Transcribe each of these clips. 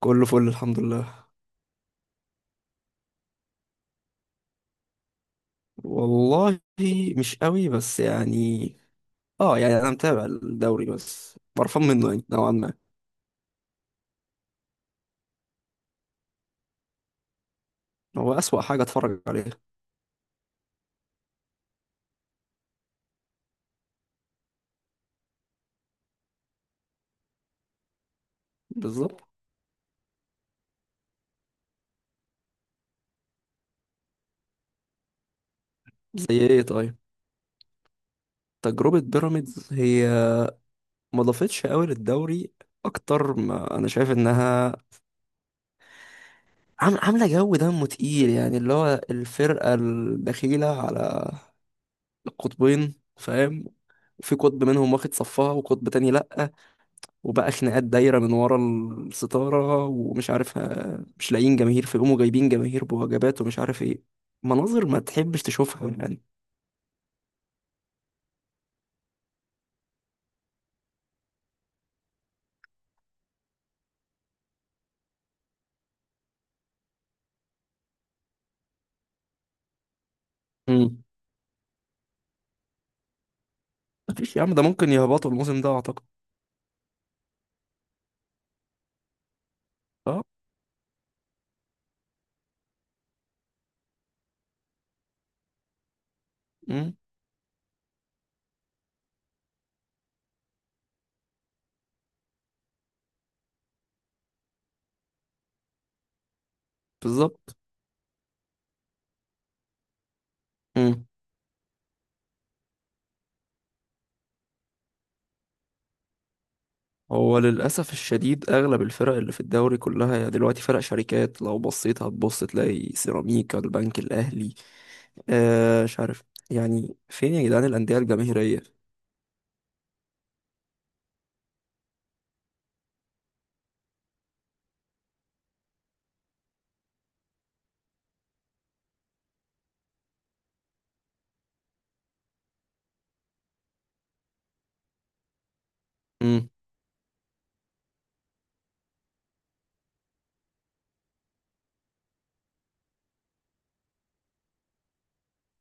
كله فل الحمد لله. والله، مش قوي بس يعني. اه يعني انا متابع الدوري بس قرفان منه يعني نوعا ما. هو اسوأ حاجة اتفرج عليها. بالظبط. زي ايه طيب؟ تجربة بيراميدز هي ما ضافتش قوي للدوري. اكتر ما انا شايف انها عاملة جو دمه تقيل، يعني اللي هو الفرقة البخيلة على القطبين، فاهم؟ في قطب منهم واخد صفها وقطب تاني لأ. وبقى خناقات دايرة من ورا الستارة، ومش عارف مش لاقيين جماهير فيقوموا جايبين جماهير بوجبات ومش عارف ايه. مناظر ما تحبش تشوفها يعني. امم مفيش يا عم، ده ممكن يهبطوا الموسم ده اعتقد. اه. امم. بالظبط. امم. هو للأسف الشديد أغلب الفرق اللي في الدوري كلها يعني دلوقتي فرق شركات، لو بصيت هتبص تلاقي سيراميكا، البنك الأهلي، مش عارف، يعني فين يا جدعان الأندية الجماهيرية؟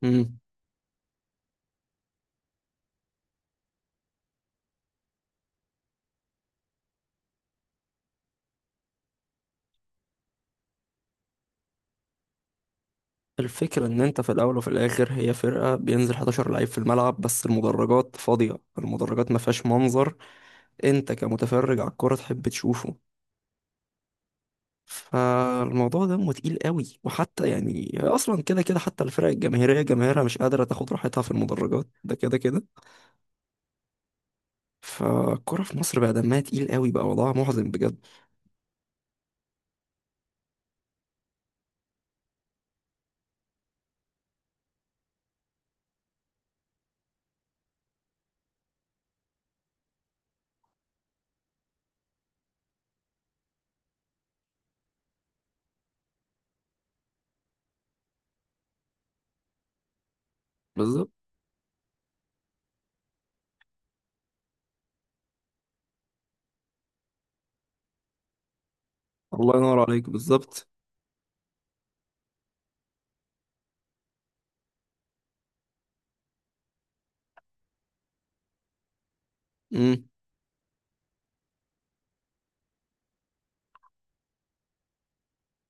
امم. الفكرة إن أنت في الأول وفي الآخر هي فرقة بينزل 11 لعيب في الملعب بس المدرجات فاضية، المدرجات ما فيهاش منظر أنت كمتفرج على الكورة تحب تشوفه. فالموضوع ده تقيل قوي، وحتى يعني أصلا كده كده حتى الفرق الجماهيرية جماهيرها مش قادرة تاخد راحتها في المدرجات، ده كده كده. فالكورة في مصر بقى دمها تقيل قوي، بقى وضعها محزن بجد. بالظبط. الله ينور عليك، بالظبط.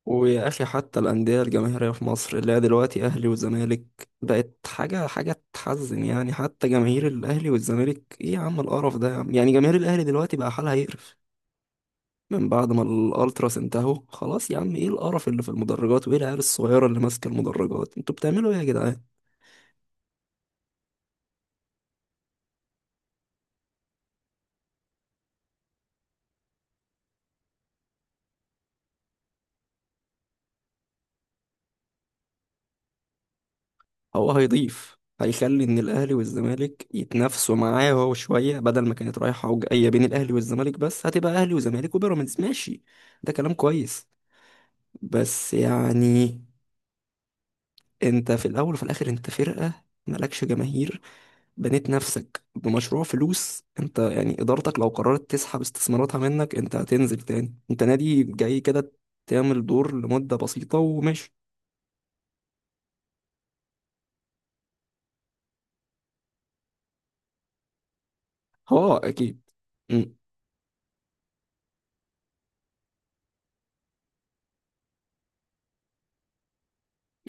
ويا اخي حتى الانديه الجماهيريه في مصر اللي هي دلوقتي اهلي وزمالك بقت حاجه تحزن، يعني حتى جماهير الاهلي والزمالك، ايه يا عم القرف ده يا عم، يعني جماهير الاهلي دلوقتي بقى حالها يقرف من بعد ما الالتراس انتهوا، خلاص يا عم، ايه القرف اللي في المدرجات وايه العيال الصغيره اللي ماسكه المدرجات، انتوا بتعملوا ايه يا جدعان؟ هو هيضيف، هيخلي ان الاهلي والزمالك يتنافسوا معاه هو شويه، بدل ما كانت رايحه وجايه بين الاهلي والزمالك بس هتبقى اهلي وزمالك وبيراميدز، ماشي. ده كلام كويس، بس يعني انت في الاول وفي الاخر انت فرقة مالكش جماهير، بنيت نفسك بمشروع فلوس، انت يعني ادارتك لو قررت تسحب استثماراتها منك انت هتنزل تاني، انت نادي جاي كده تعمل دور لمدة بسيطة وماشي. اه اكيد. مم.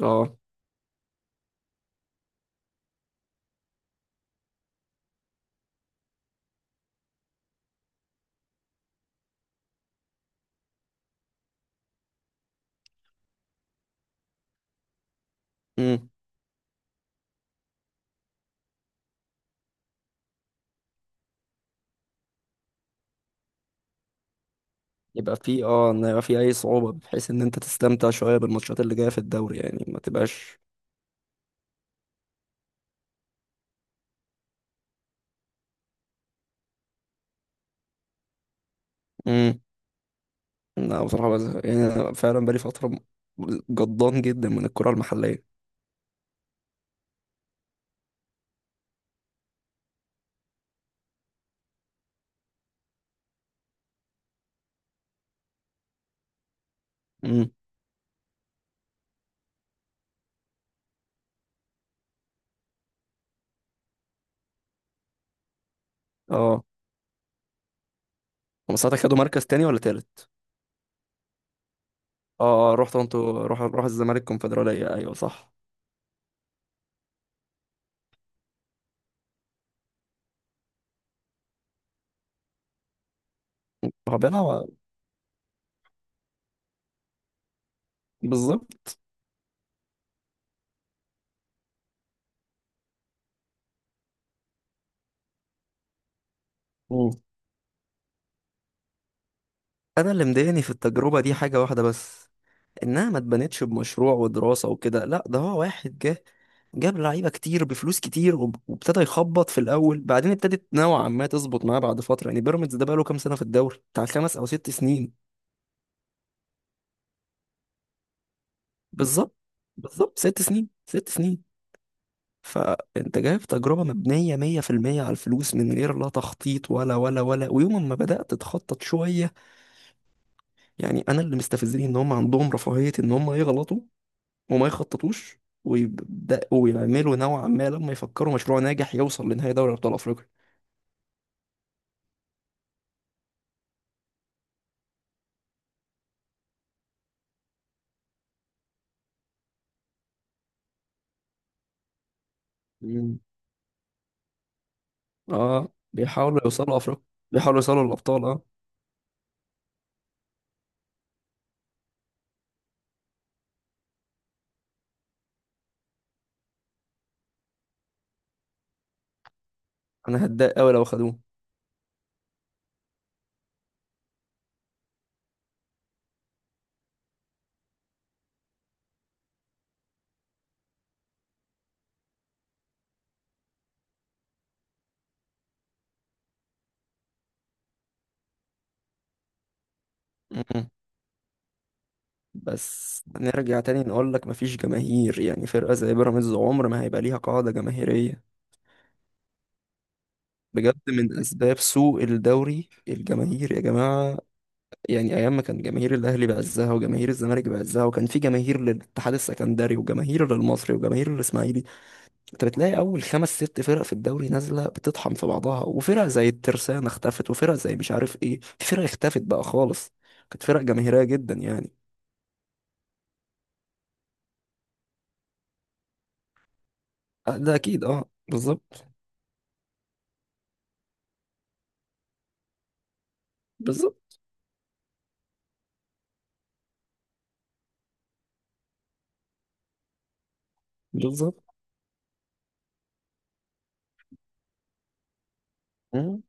اه. مم. يبقى في ان يبقى في اي صعوبة بحيث ان انت تستمتع شوية بالماتشات اللي جاية في الدوري يعني، ما تبقاش. مم. لا بصراحة بزهق، يعني انا فعلا بقالي فترة جضان جدا من الكرة المحلية. اه. هم ساعتها خدوا مركز تاني ولا تالت؟ اه اه رحت انتوا، روح روح الزمالك الكونفدرالية، ايوه صح. طب انا. بالظبط. مم. انا اللي مضايقني في التجربة دي حاجة واحدة بس، انها ما اتبنتش بمشروع ودراسة وكده، لا ده هو واحد جه جاب لعيبة كتير بفلوس كتير وابتدى يخبط في الاول، بعدين ابتدت نوعا ما تظبط معاه بعد فترة، يعني بيراميدز ده بقاله كام سنة في الدوري بتاع خمس او ست سنين. بالظبط، بالظبط، ست سنين ست سنين. فانت جايب تجربة مبنية مية في المية على الفلوس، من غير لا تخطيط ولا ولا ولا، ويوم ما بدأت تخطط شوية يعني انا اللي مستفزني ان هم عندهم رفاهية ان هم يغلطوا وما يخططوش، ويبدأوا يعملوا نوعا ما، لما يفكروا مشروع ناجح يوصل لنهائي دوري أبطال أفريقيا. مم. اه بيحاولوا يوصلوا افريقيا، بيحاولوا يوصلوا للابطال، اه. انا هتضايق قوي لو خدوه. مم. بس نرجع تاني نقول لك مفيش جماهير، يعني فرقة زي بيراميدز عمر ما هيبقى ليها قاعدة جماهيرية. بجد من اسباب سوء الدوري الجماهير يا جماعه، يعني ايام ما كان جماهير الاهلي بعزها وجماهير الزمالك بعزها وكان في جماهير للاتحاد السكندري وجماهير للمصري وجماهير للاسماعيلي، انت بتلاقي اول خمس ست فرق في الدوري نازله بتطحن في بعضها، وفرق زي الترسانه اختفت وفرق زي مش عارف ايه في فرق اختفت بقى خالص، كانت فرق جماهيريه جدا يعني. آه، ده اكيد، اه بالظبط. بالظبط. بالظبط. مم.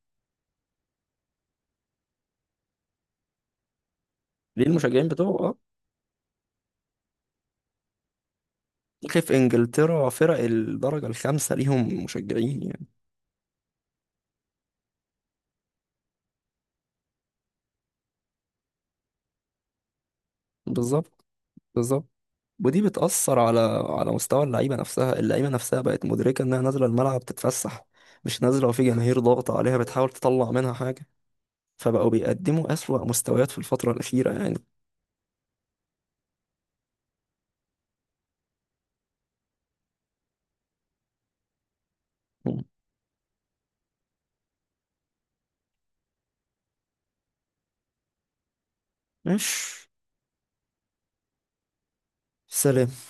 ليه؟ المشجعين بتوعه اه. تلاقي في انجلترا فرق الدرجه الخامسه ليهم مشجعين يعني. بالظبط. بالظبط، ودي بتأثر على مستوى اللعيبة نفسها، اللعيبة نفسها بقت مدركة إنها نازلة الملعب تتفسح، مش نازلة وفي جماهير ضاغطة عليها بتحاول تطلع منها حاجة، فبقوا بيقدموا أسوأ مستويات في الفترة الأخيرة يعني. مم. مش سلام.